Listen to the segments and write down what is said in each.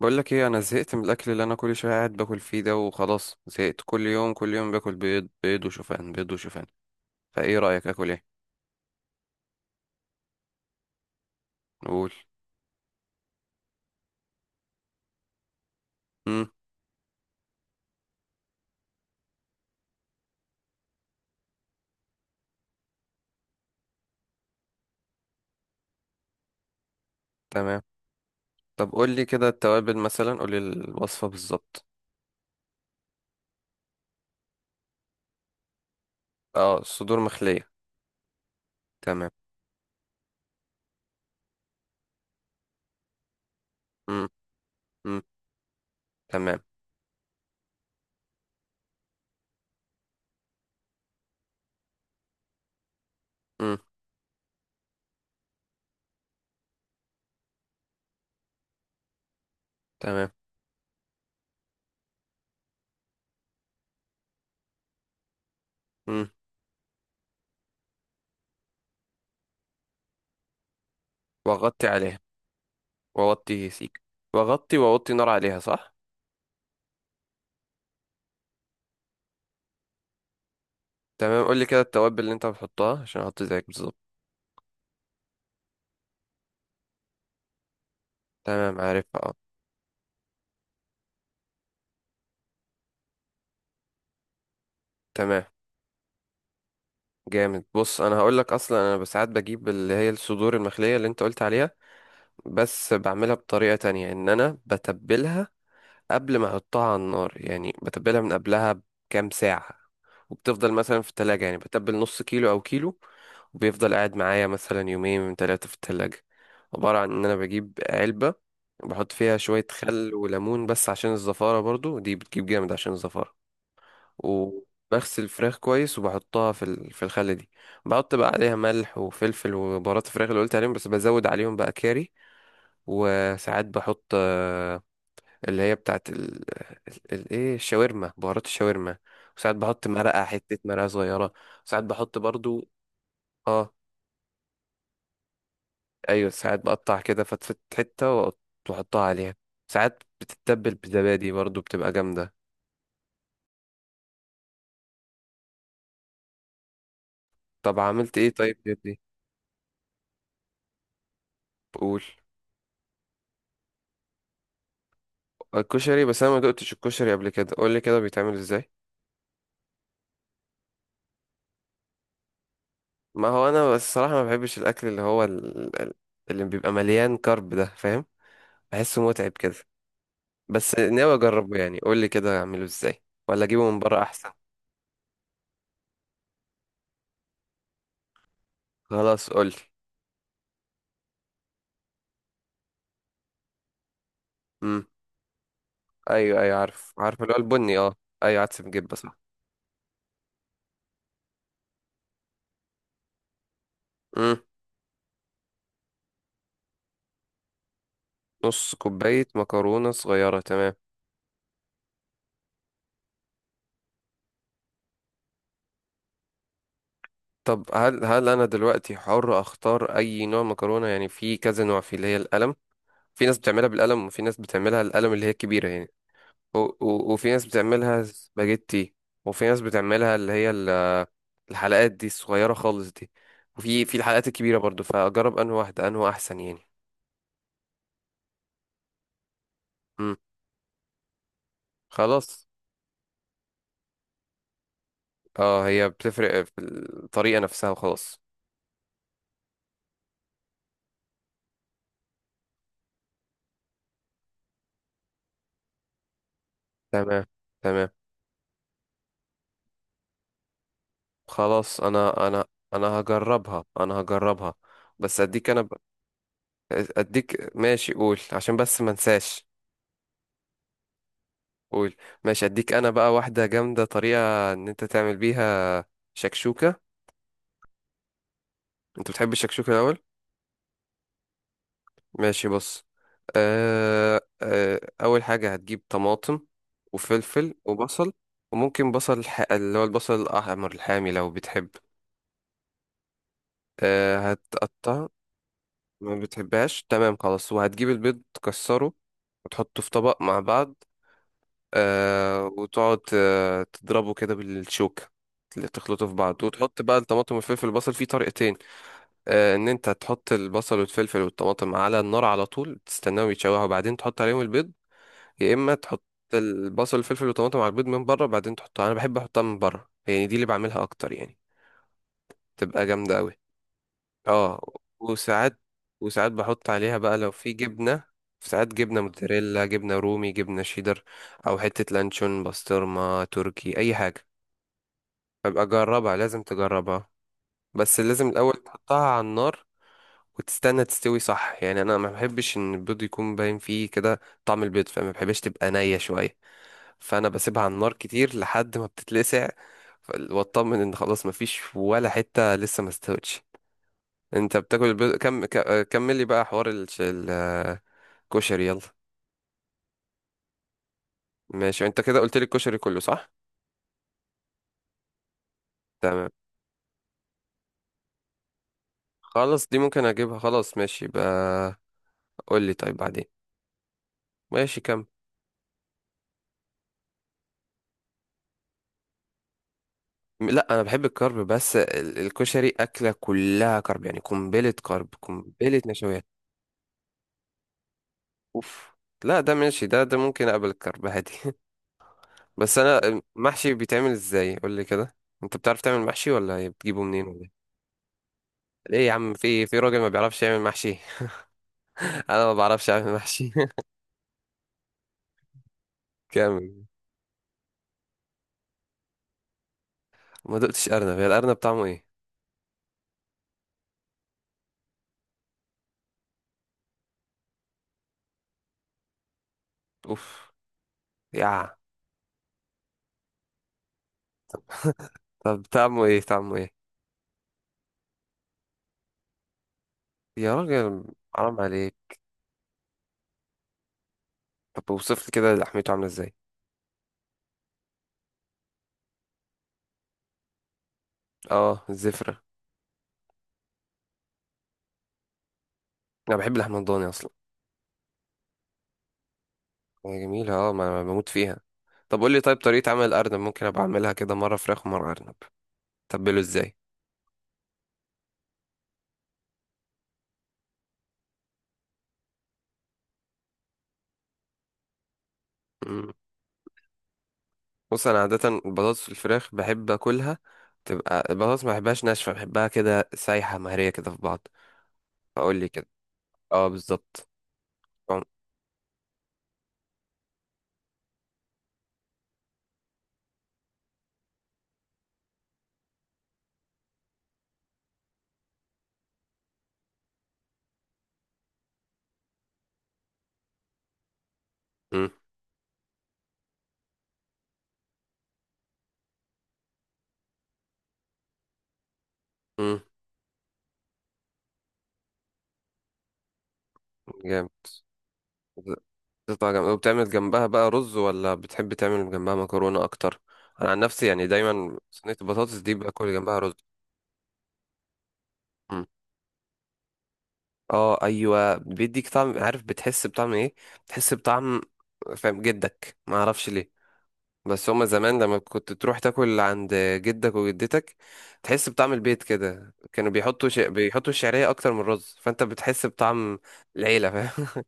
بقول لك ايه؟ انا زهقت من الاكل اللي انا كل شويه قاعد باكل فيه ده، وخلاص زهقت، كل يوم كل يوم باكل بيض، بيض وشوفان، بيض وشوفان. فايه رايك اكل ايه؟ نقول. امم. تمام. طب قول لي كده التوابل مثلا، قول لي الوصفه بالظبط. اه الصدور مخليه. تمام. امم امم. تمام. امم. تمام. امم. واغطي عليها. واوطي سيك. واغطي واوطي نار عليها، صح؟ تمام، قول لي كده التوابل اللي انت بتحطها عشان احط زيك بالظبط. تمام عارفها اه. تمام. جامد، بص انا هقول لك. اصلا انا ساعات بجيب اللي هي الصدور المخليه اللي انت قلت عليها، بس بعملها بطريقه تانية، ان انا بتبلها قبل ما احطها على النار يعني. بتبلها من قبلها بكام ساعه، وبتفضل مثلا في التلاجة. يعني بتبل نص كيلو او كيلو، وبيفضل قاعد معايا مثلا يومين من ثلاثه في التلاجة. عباره عن ان انا بجيب علبه وبحط فيها شويه خل وليمون، بس عشان الزفاره، برضو دي بتجيب جامد عشان الزفاره. وبغسل الفراخ كويس وبحطها في في الخلة دي. بحط بقى عليها ملح وفلفل وبهارات الفراخ اللي قلت عليهم، بس بزود عليهم بقى كاري. وساعات بحط اللي هي بتاعت ايه، الشاورما، بهارات الشاورما. وساعات بحط مرقة، حتة مرقة صغيرة. وساعات بحط برضو، اه. ايوه، ساعات بقطع كده فتفت حتة، واحطها عليها. ساعات بتتبل بزبادي برضو، بتبقى جامدة. طب عملت ايه طيب غير دي؟ قول. الكشري، بس انا ما دقتش الكشري قبل كده، قول لي كده بيتعمل ازاي. ما هو انا بس الصراحه ما بحبش الاكل اللي هو اللي بيبقى مليان كارب ده، فاهم؟ بحسه متعب كده. بس ناوي اجربه يعني، قول لي كده اعمله ازاي، ولا اجيبه من بره احسن؟ خلاص قول لي. امم. ايوه ايوه، عارف عارف اللي هو البني، اه. ايوه عدس بجبه، صح. امم. نص كوبايه مكرونه صغيره، تمام. طب هل انا دلوقتي حر اختار اي نوع مكرونه يعني؟ في كذا نوع، في اللي هي القلم، في ناس بتعملها بالقلم، وفي ناس بتعملها القلم اللي هي كبيرة يعني، وفي ناس بتعملها سباجيتي، وفي ناس بتعملها اللي هي الحلقات دي الصغيرة خالص دي، وفي الحلقات الكبيرة برضو. فأجرب أنهي واحدة أنهي أحسن يعني؟ مم. خلاص. اه، هي بتفرق في الطريقة نفسها وخلاص. تمام. تمام. خلاص، أنا هجربها، أنا هجربها. بس أديك أديك، ماشي قول عشان بس ما انساش. قول. ماشي، أديك أنا بقى واحدة جامدة طريقة إن أنت تعمل بيها: شكشوكة. انت بتحب الشكشوكة الاول؟ ماشي بص. اول حاجة هتجيب طماطم وفلفل وبصل، وممكن بصل اللي هو البصل الاحمر الحامي لو بتحب. هتقطع. ما بتحبهاش، تمام خلاص. وهتجيب البيض تكسره وتحطه في طبق مع بعض. وتقعد تضربه كده بالشوكة، اللي تخلطه في بعض. وتحط بقى الطماطم والفلفل والبصل في طريقتين: ان انت تحط البصل والفلفل والطماطم على النار على طول، تستناهم يتشوحوا، بعدين تحط عليهم البيض. يا اما تحط البصل والفلفل والطماطم على البيض من بره، بعدين تحطها. انا بحب احطها من بره يعني، دي اللي بعملها اكتر يعني. تبقى جامده قوي، اه. وساعات وساعات بحط عليها بقى لو في جبنه، ساعات جبنه موتزاريلا، جبنه رومي، جبنه شيدر، او حته لانشون، بسطرمه تركي، اي حاجه. فابقى جربها، لازم تجربها. بس لازم الاول تحطها على النار وتستنى تستوي صح يعني. انا ما بحبش ان البيض يكون باين فيه كده طعم البيض، فما بحبش تبقى نية شوية، فانا بسيبها على النار كتير لحد ما بتتلسع. واطمن ان خلاص ما فيش ولا حتة لسه ما استوتش. انت بتاكل البيض كم ك- آه، كمل لي بقى حوار الكشري يلا. ماشي، انت كده قلت لي الكشري كله، صح؟ تمام. خلاص دي ممكن اجيبها، خلاص ماشي بقى. قول لي طيب بعدين. ماشي كمل. لا انا بحب الكرب، بس الكشري اكله كلها كرب يعني، قنبله كرب، قنبله نشويات. اوف. لا ده ماشي، ده ممكن اقبل الكرب عادي بس انا، محشي بيتعمل ازاي؟ قول لي كده. انت بتعرف تعمل محشي ولا إيه؟ بتجيبه منين ولا إيه؟ ليه يا عم، في راجل ما بيعرفش يعمل محشي انا ما بعرفش اعمل محشي كامل. ما دقتش ارنب. هي الارنب طعمه ايه؟ اوف. يا. طب طعمه ايه، طعمه ايه؟ يا راجل حرام عليك. طب اوصف لي كده لحمته عامله ازاي. اه الزفره. انا بحب اللحمه الضاني اصلا. هي جميلة اه، ما انا بموت فيها. طب قول لي طيب طريقة عمل الأرنب، ممكن أبقى أعملها كده مرة فراخ ومرة أرنب. تبله إزاي؟ مم. بص، أنا عادة البطاطس الفراخ بحب أكلها، تبقى البطاطس ما بحبهاش ناشفة، بحبها كده سايحة مهرية كده في بعض. فقول لي كده. اه بالظبط. طعم- مم. مم. جامد. بتطلع جامد. وبتعمل جنبها بقى رز، ولا بتحب تعمل جنبها مكرونة أكتر؟ أنا عن نفسي يعني دايما صينية البطاطس دي باكل جنبها رز. اه ايوه، بيديك طعم، عارف بتحس بطعم ايه؟ بتحس بطعم فاهم جدك، ما اعرفش ليه. بس هما زمان لما كنت تروح تاكل عند جدك وجدتك تحس بطعم البيت كده. كانوا بيحطوا بيحطوا الشعريه اكتر من الرز، فانت بتحس بطعم العيله، فاهم؟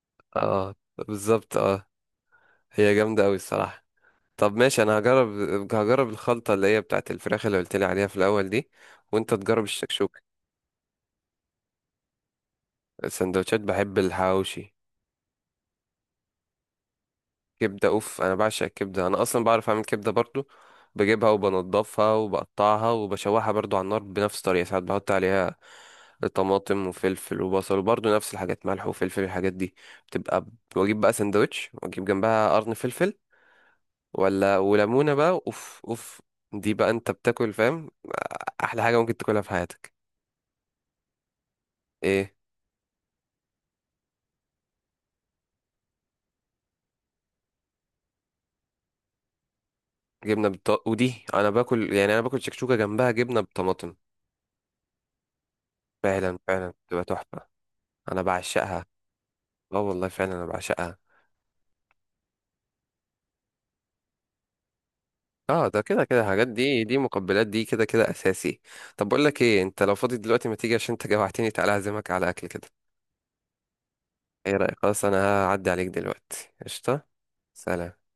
اه بالظبط اه. هي جامده قوي الصراحه. طب ماشي، انا هجرب. هجرب الخلطه اللي هي بتاعت الفراخ اللي قلت لي عليها في الاول دي. وانت تجرب الشكشوك. السندوتشات بحب الحواوشي. كبدة، اوف انا بعشق الكبدة. انا اصلا بعرف اعمل كبدة برضو. بجيبها وبنضفها وبقطعها وبشوحها برضو على النار بنفس الطريقة. ساعات بحط عليها طماطم وفلفل وبصل، وبرضو نفس الحاجات، ملح وفلفل الحاجات دي. بتبقى واجيب بقى سندوتش واجيب جنبها قرن فلفل، ولا وليمونة بقى، اوف اوف. دي بقى انت بتاكل، فاهم، احلى حاجة ممكن تاكلها في حياتك. ايه. ودي انا باكل يعني، انا باكل شكشوكة جنبها جبنة بالطماطم. فعلا فعلا بتبقى تحفة. انا بعشقها. اه والله فعلا انا بعشقها. اه، ده كده كده الحاجات دي، دي مقبلات، دي كده كده اساسي. طب بقول لك ايه، انت لو فاضي دلوقتي ما تيجي؟ عشان انت جوعتني، تعالى اعزمك على اكل كده. ايه رايك؟ خلاص انا هعدي عليك دلوقتي، قشطه. سلام.